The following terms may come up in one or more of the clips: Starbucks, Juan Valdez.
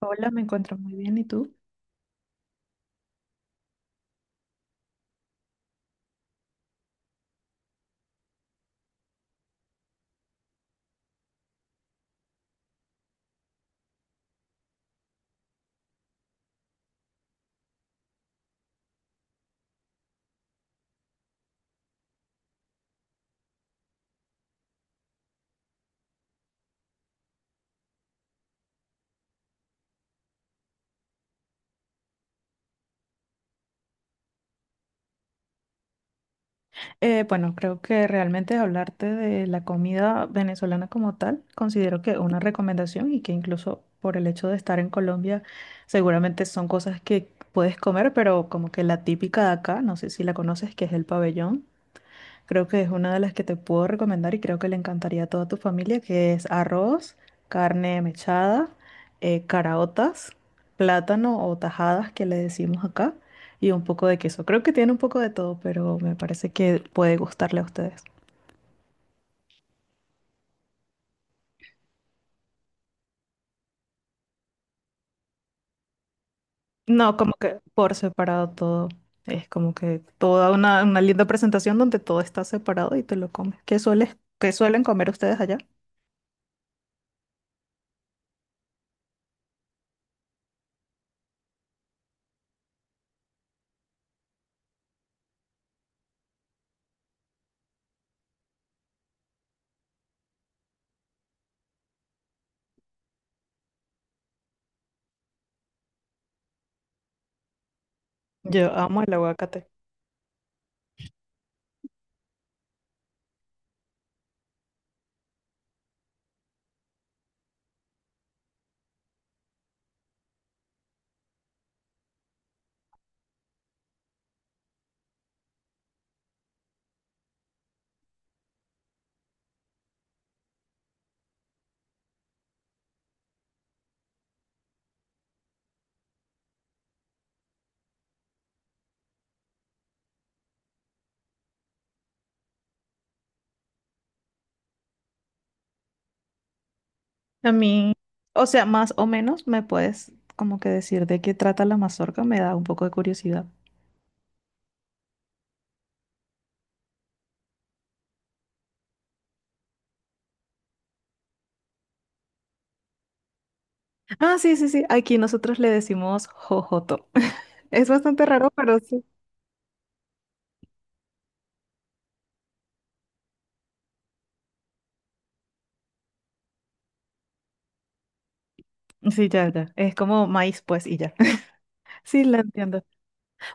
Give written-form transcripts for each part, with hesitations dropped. Hola, me encuentro muy bien. ¿Y tú? Bueno, creo que realmente hablarte de la comida venezolana como tal, considero que una recomendación y que incluso por el hecho de estar en Colombia, seguramente son cosas que puedes comer, pero como que la típica de acá, no sé si la conoces, que es el pabellón. Creo que es una de las que te puedo recomendar y creo que le encantaría a toda tu familia, que es arroz, carne mechada, caraotas, plátano o tajadas que le decimos acá y un poco de queso. Creo que tiene un poco de todo, pero me parece que puede gustarle a ustedes. No, como que por separado todo. Es como que toda una linda presentación donde todo está separado y te lo comes. ¿Qué suelen comer ustedes allá? Yo amo el aguacate. A mí, o sea, más o menos me puedes como que decir de qué trata la mazorca, me da un poco de curiosidad. Ah, sí, sí, sí, aquí nosotros le decimos jojoto. Es bastante raro, pero sí. Sí, ya, ya. Es como maíz, pues, y ya. Sí, la entiendo.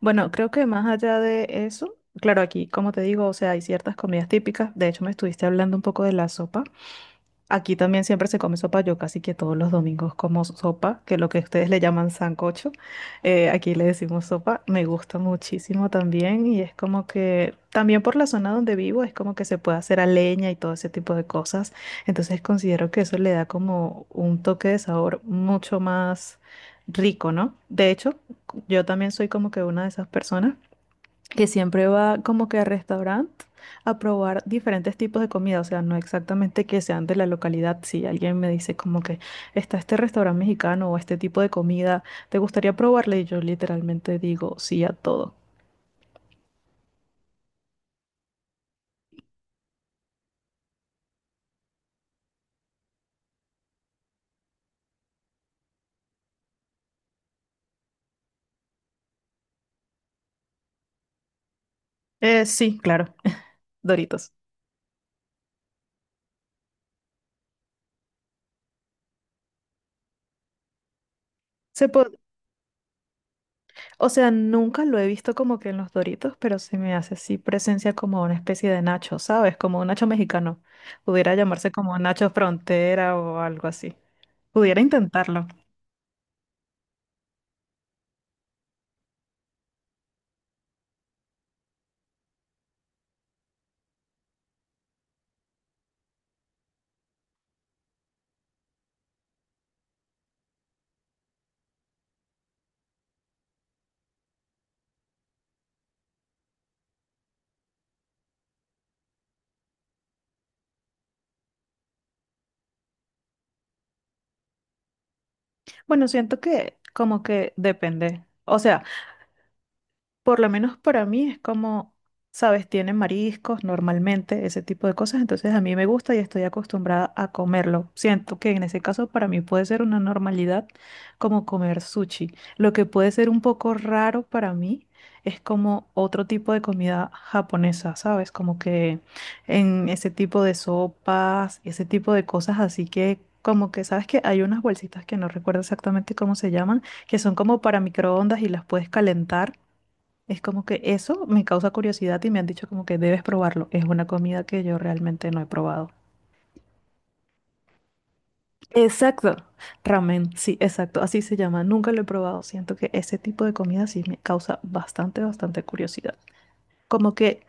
Bueno, creo que más allá de eso, claro, aquí, como te digo, o sea, hay ciertas comidas típicas. De hecho, me estuviste hablando un poco de la sopa. Aquí también siempre se come sopa, yo casi que todos los domingos como sopa, que lo que ustedes le llaman sancocho, aquí le decimos sopa, me gusta muchísimo también y es como que también por la zona donde vivo es como que se puede hacer a leña y todo ese tipo de cosas, entonces considero que eso le da como un toque de sabor mucho más rico, ¿no? De hecho, yo también soy como que una de esas personas que siempre va como que al restaurante a probar diferentes tipos de comida, o sea, no exactamente que sean de la localidad. Si alguien me dice como que está este restaurante mexicano o este tipo de comida, ¿te gustaría probarla? Y yo literalmente digo sí a todo. Sí, claro, Doritos. Se po- o sea, nunca lo he visto como que en los Doritos, pero se me hace así presencia como una especie de nacho, ¿sabes? Como un nacho mexicano. Pudiera llamarse como nacho frontera o algo así. Pudiera intentarlo. Bueno, siento que como que depende. O sea, por lo menos para mí es como, sabes, tienen mariscos normalmente, ese tipo de cosas, entonces a mí me gusta y estoy acostumbrada a comerlo. Siento que en ese caso para mí puede ser una normalidad como comer sushi. Lo que puede ser un poco raro para mí es como otro tipo de comida japonesa, ¿sabes? Como que en ese tipo de sopas y ese tipo de cosas, así que como que, ¿sabes que hay unas bolsitas que no recuerdo exactamente cómo se llaman, que son como para microondas y las puedes calentar? Es como que eso me causa curiosidad y me han dicho como que debes probarlo. Es una comida que yo realmente no he probado. Exacto, ramen, sí, exacto, así se llama. Nunca lo he probado. Siento que ese tipo de comida sí me causa bastante, bastante curiosidad. Como que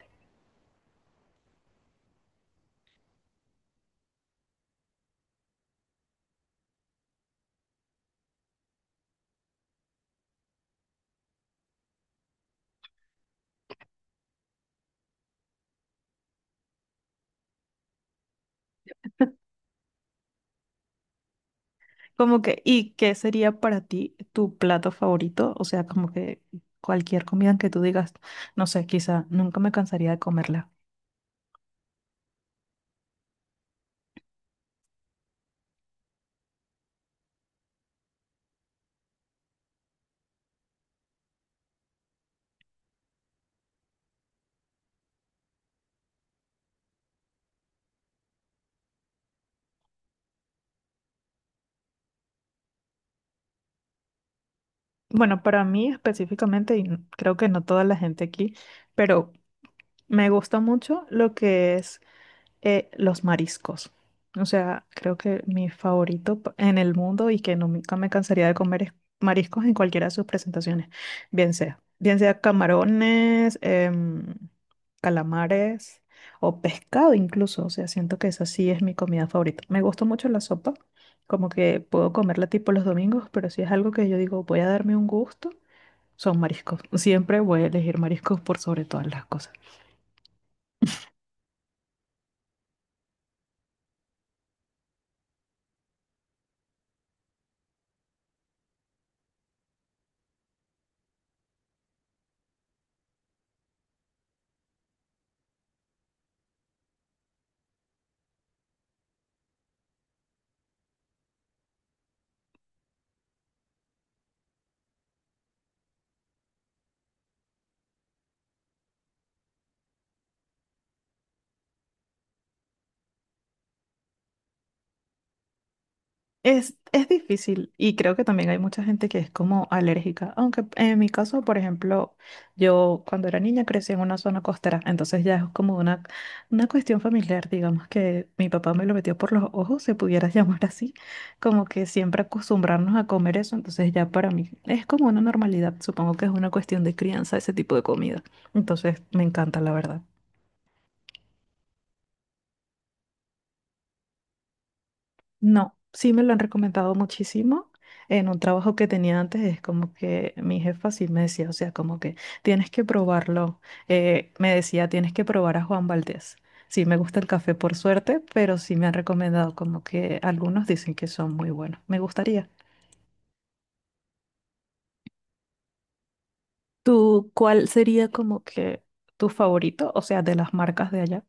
Como que, ¿y qué sería para ti tu plato favorito? O sea, como que cualquier comida que tú digas, no sé, quizá nunca me cansaría de comerla. Bueno, para mí específicamente, y creo que no toda la gente aquí, pero me gusta mucho lo que es los mariscos. O sea, creo que mi favorito en el mundo y que nunca me cansaría de comer es mariscos en cualquiera de sus presentaciones, bien sea camarones, calamares o pescado incluso. O sea, siento que esa sí es mi comida favorita. Me gusta mucho la sopa, como que puedo comerla tipo los domingos, pero si es algo que yo digo voy a darme un gusto, son mariscos. Siempre voy a elegir mariscos por sobre todas las cosas. Es difícil y creo que también hay mucha gente que es como alérgica, aunque en mi caso, por ejemplo, yo cuando era niña crecí en una zona costera, entonces ya es como una cuestión familiar, digamos que mi papá me lo metió por los ojos, se pudiera llamar así, como que siempre acostumbrarnos a comer eso, entonces ya para mí es como una normalidad, supongo que es una cuestión de crianza ese tipo de comida, entonces me encanta la verdad. No, sí me lo han recomendado muchísimo. En un trabajo que tenía antes es como que mi jefa sí me decía, o sea, como que tienes que probarlo. Me decía, tienes que probar a Juan Valdez. Sí, me gusta el café por suerte, pero sí me han recomendado como que algunos dicen que son muy buenos. Me gustaría. ¿Tú cuál sería como que tu favorito, o sea, de las marcas de allá?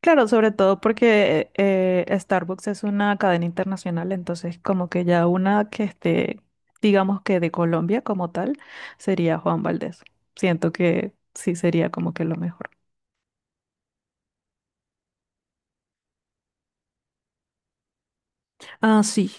Claro, sobre todo porque Starbucks es una cadena internacional, entonces como que ya una que esté, digamos que de Colombia como tal, sería Juan Valdez. Siento que sí sería como que lo mejor. Ah, sí.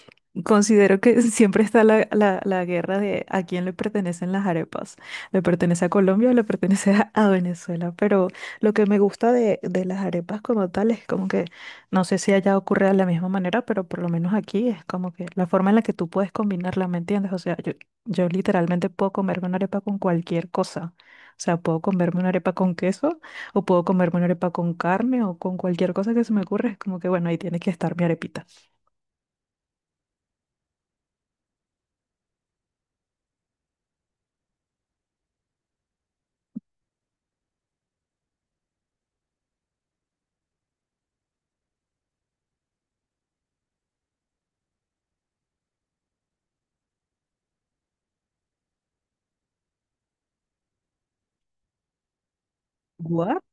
Considero que siempre está la guerra de a quién le pertenecen las arepas. ¿Le pertenece a Colombia o le pertenece a Venezuela? Pero lo que me gusta de las arepas como tal es como que, no sé si allá ocurre de la misma manera, pero por lo menos aquí es como que la forma en la que tú puedes combinarla, ¿me entiendes? O sea, yo literalmente puedo comerme una arepa con cualquier cosa. O sea, puedo comerme una arepa con queso o puedo comerme una arepa con carne o con cualquier cosa que se me ocurra. Es como que, bueno, ahí tiene que estar mi arepita. ¿What?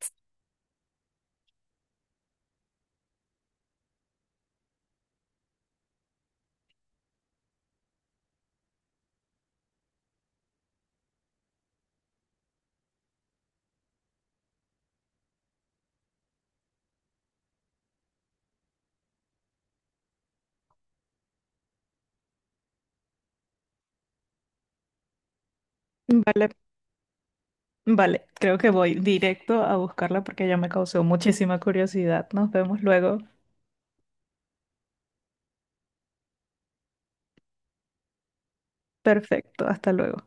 Vale, vale, creo que voy directo a buscarla porque ya me causó muchísima curiosidad. Nos vemos luego. Perfecto, hasta luego.